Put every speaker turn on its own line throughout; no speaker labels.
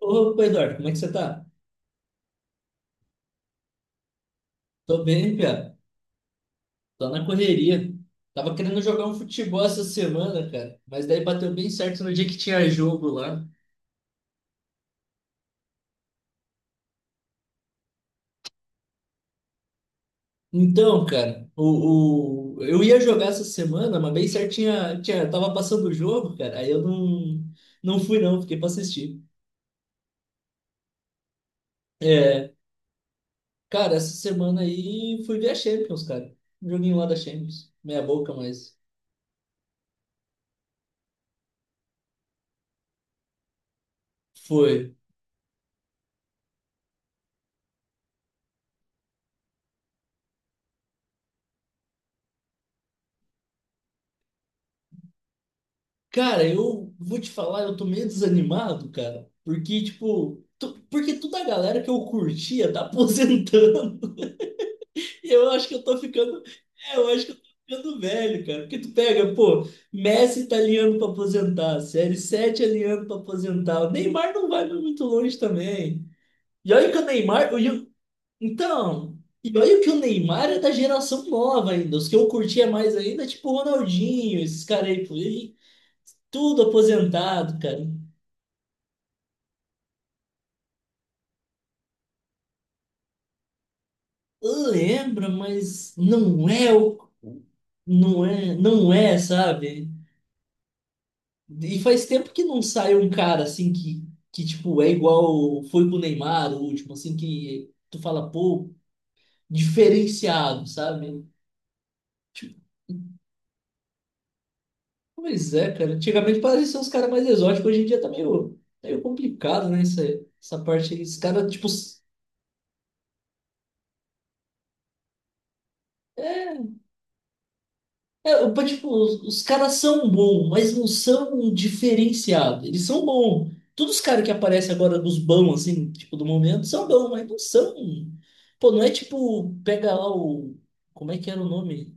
Opa, Eduardo, como é que você tá? Tô bem, Pia. Tô na correria. Tava querendo jogar um futebol essa semana, cara, mas daí bateu bem certo no dia que tinha jogo lá. Então, cara, eu ia jogar essa semana, mas bem certo tava passando o jogo, cara, aí eu não, não fui não, fiquei pra assistir. É, cara, essa semana aí fui ver a Champions, cara. Um joguinho lá da Champions. Meia boca, mas foi. Cara, eu vou te falar, eu tô meio desanimado, cara, porque, tipo, porque toda a galera que eu curtia tá aposentando. E eu acho que eu tô ficando, eu acho que eu tô ficando velho, cara, porque tu pega, pô, Messi tá alinhando pra aposentar, CR7 alinhando pra aposentar, o Neymar não vai muito longe também. E olha que o Neymar, então, e olha que o Neymar é da geração nova ainda, os que eu curtia mais ainda, tipo o Ronaldinho, esses caras aí, pô, tudo aposentado, cara. Lembra, mas não é o. Não é, não é, sabe? E faz tempo que não sai um cara assim que, tipo, é igual foi com o Neymar, o último, assim, que tu fala, pô, diferenciado, sabe? Tipo, pois é, cara. Antigamente parecia uns caras mais exóticos, hoje em dia tá meio complicado, né? Essa parte aí. Os caras, tipo, é, tipo, os caras são bons, mas não são diferenciados. Eles são bons. Todos os caras que aparecem agora dos bons, assim, tipo, do momento, são bons, mas não são. Pô, não é tipo, pega lá o. Como é que era o nome?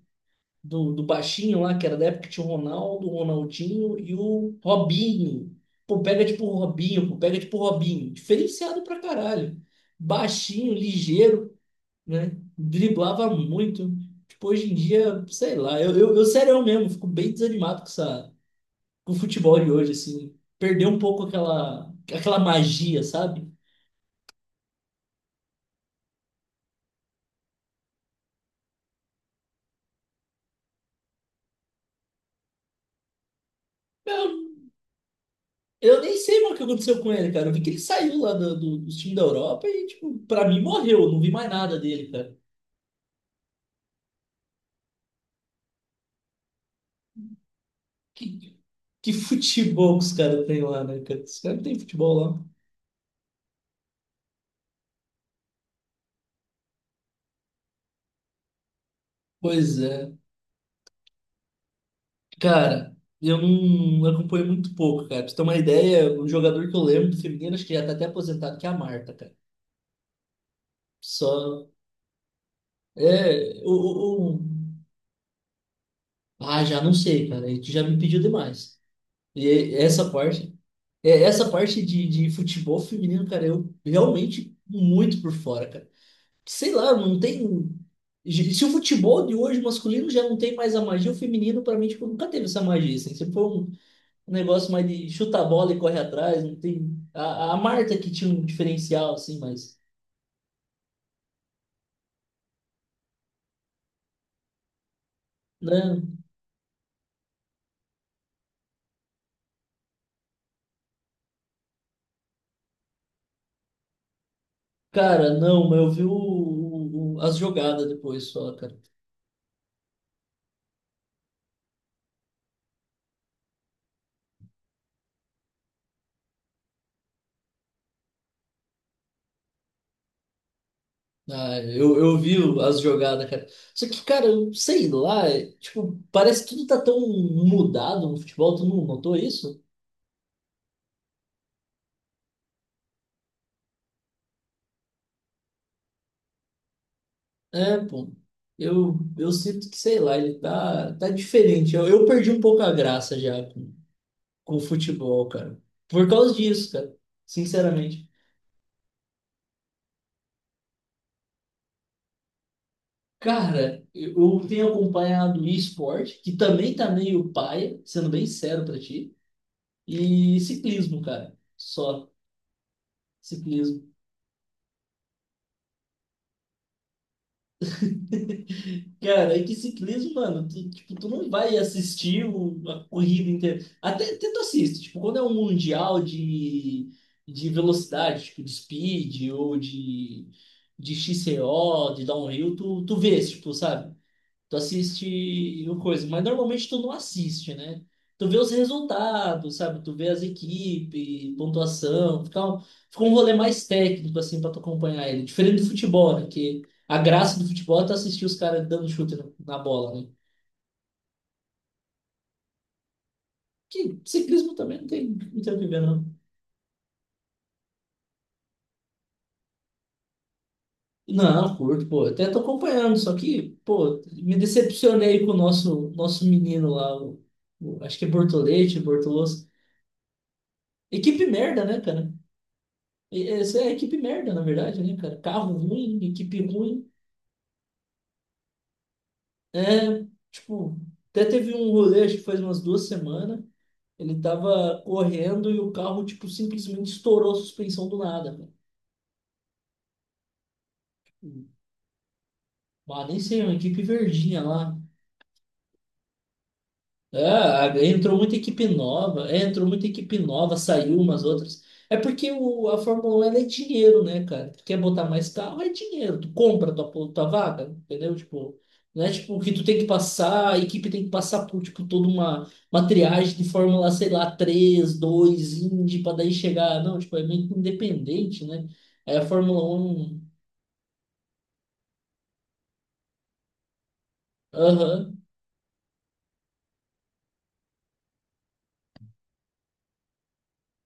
Do baixinho lá, que era da época que tinha o Ronaldo, o Ronaldinho e o Robinho. Pô, pega tipo o Robinho, pô, pega tipo o Robinho. Diferenciado pra caralho. Baixinho, ligeiro, né? Driblava muito. Tipo, hoje em dia, sei lá, eu sério mesmo, fico bem desanimado com essa, com o futebol de hoje, assim. Perdeu um pouco aquela, aquela magia, sabe? Eu, eu nem sei mais o que aconteceu com ele, cara. Eu vi que ele saiu lá do, do time da Europa e, tipo, pra mim morreu. Eu não vi mais nada dele, cara. Que, que futebol que os caras têm lá, né, cara? Os caras não têm futebol lá. Pois é. Cara, eu não acompanho muito pouco, cara. Pra você ter uma ideia, o jogador que eu lembro do feminino, acho que já tá até aposentado, que é a Marta, cara. Só. É. Ah, já não sei, cara. Aí tu já me pediu demais. E essa parte. Essa parte de futebol feminino, cara, eu realmente muito por fora, cara. Sei lá, não tem. Se o futebol de hoje masculino já não tem mais a magia, o feminino, pra mim, tipo, nunca teve essa magia, assim. Sempre foi um negócio mais de chuta a bola e corre atrás. Não tem. A Marta que tinha um diferencial, assim, mas. Né? Cara, não, mas eu vi o, as jogadas depois só, cara. Ah, eu vi as jogadas, cara. Só que, cara, eu sei lá, tipo, parece que tudo tá tão mudado no futebol, tu não notou isso? É, pô. Eu sinto que, sei lá, ele tá diferente. Eu perdi um pouco a graça já com o futebol, cara. Por causa disso, cara. Sinceramente. Cara, eu tenho acompanhado e-sport, que também tá meio paia, sendo bem sério pra ti, e ciclismo, cara. Só ciclismo. Cara, é que ciclismo, mano, tipo, tu não vai assistir a corrida inteira. Até tu assiste, tipo, quando é um mundial de, velocidade, tipo, de speed ou de, XCO, de downhill, tu vês, tipo, sabe? Tu assiste o coisa, mas normalmente tu não assiste, né? Tu vê os resultados, sabe? Tu vê as equipes, pontuação, fica um rolê mais técnico, assim, pra tu acompanhar ele. Diferente do futebol, né? Que a graça do futebol é tu assistir os caras dando chute na, na bola, né? Que ciclismo também não tem, não tem o que ver, não. Não, curto, pô. Até tô acompanhando, só que, pô, me decepcionei com o nosso, nosso menino lá, acho que é Bortoletti, Bortoloso. Equipe merda, né, cara? E essa é a equipe merda, na verdade, né, cara? Carro ruim, equipe ruim. É, tipo, até teve um rolê, acho que faz umas duas semanas. Ele tava correndo e o carro, tipo, simplesmente estourou a suspensão do nada, cara. Ah, nem sei, é uma equipe verdinha lá. É, entrou muita equipe nova, saiu umas outras. É porque a Fórmula 1 ela é dinheiro, né, cara? Tu quer botar mais carro, é dinheiro. Tu compra tua vaga, entendeu? Tipo, não é tipo que tu tem que passar, a equipe tem que passar por tipo toda uma triagem de Fórmula, sei lá, 3 2 Indy, pra daí chegar. Não, tipo, é meio que independente, né? Aí a Fórmula 1. Aham.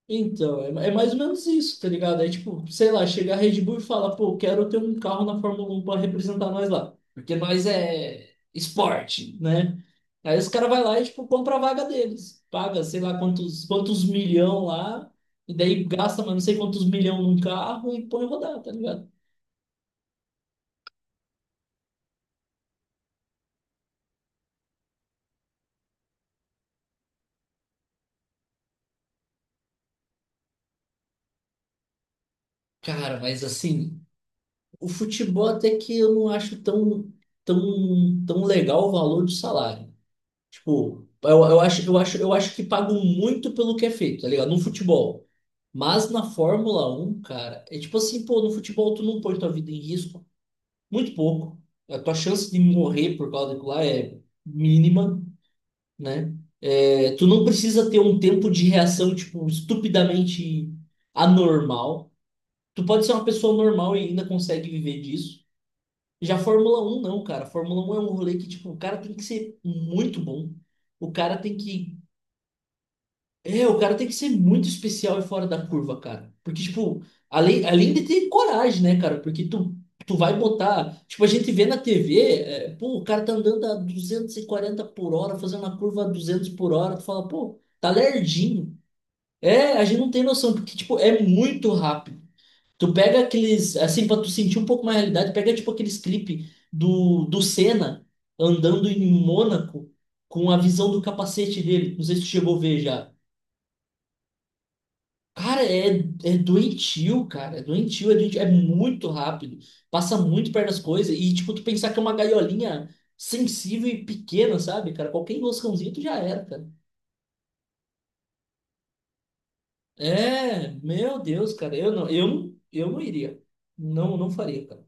Então, é mais ou menos isso, tá ligado? É tipo, sei lá, chega a Red Bull e fala, pô, quero ter um carro na Fórmula 1 para representar nós lá. Porque nós é esporte, né? Aí os caras vai lá e, tipo, compra a vaga deles. Paga, sei lá, quantos milhão lá. E daí gasta, mas não sei quantos milhão num carro e põe rodar, tá ligado? Cara, mas assim, o futebol até que eu não acho tão, tão, tão legal o valor do salário. Tipo, eu acho que pagam muito pelo que é feito, tá ligado? No futebol. Mas na Fórmula Um cara, é tipo assim, pô, no futebol tu não põe tua vida em risco, muito pouco. A tua chance de morrer por causa daquilo lá é mínima, né? É, tu não precisa ter um tempo de reação, tipo, estupidamente anormal. Tu pode ser uma pessoa normal e ainda consegue viver disso. Já Fórmula Um não, cara. Fórmula Um é um rolê que, tipo, o cara tem que ser muito bom. O cara tem que o cara tem que ser muito especial e fora da curva, cara. Porque, tipo, além de ter coragem, né, cara? Porque tu vai botar. Tipo, a gente vê na TV, pô, o cara tá andando a 240 por hora, fazendo uma curva a 200 por hora. Tu fala, pô, tá lerdinho. É, a gente não tem noção, porque, tipo, é muito rápido. Tu pega aqueles. Assim, pra tu sentir um pouco mais a realidade, pega, tipo, aqueles clipes do, do Senna andando em Mônaco com a visão do capacete dele. Não sei se tu chegou a ver já. Cara, é doentio, cara. É doentio, é doentio, é muito rápido. Passa muito perto das coisas. E, tipo, tu pensar que é uma gaiolinha sensível e pequena, sabe, cara? Qualquer enroscãozinho tu já era, cara. É, meu Deus, cara. Eu não, eu não, eu não iria. Não, não faria, cara.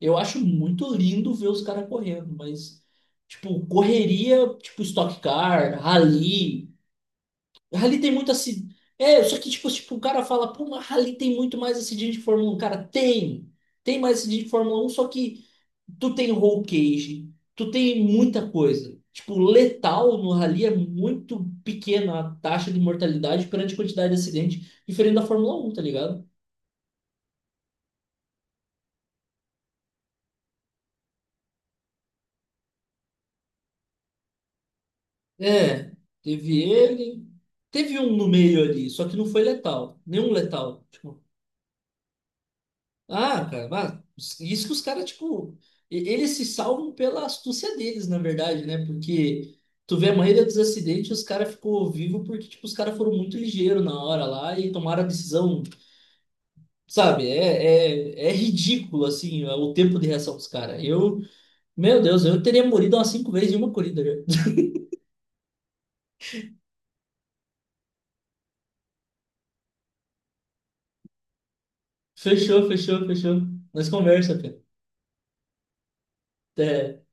Eu acho muito lindo ver os caras correndo, mas, tipo, correria, tipo, Stock Car, Rally. Rally tem muito assim. É, só que tipo, o cara fala, pô, mas Rally tem muito mais acidente de Fórmula Um. Cara, tem. Tem mais acidente de Fórmula Um. Só que tu tem roll cage, tu tem muita coisa. Tipo, letal no Rally é muito pequena a taxa de mortalidade perante a quantidade de acidente, diferente da Fórmula Um, tá ligado? É, teve ele. Teve um no meio ali, só que não foi letal. Nenhum letal. Tipo, ah, cara, mas isso que os caras, tipo, eles se salvam pela astúcia deles, na verdade, né? Porque tu vê a maioria dos acidentes, os caras ficou vivo porque, tipo, os caras foram muito ligeiros na hora lá e tomaram a decisão, sabe? É ridículo, assim, o tempo de reação dos caras. Eu, meu Deus, eu teria morrido umas cinco vezes em uma corrida, já. Fechou, fechou, fechou. Nós conversa, cara. Até.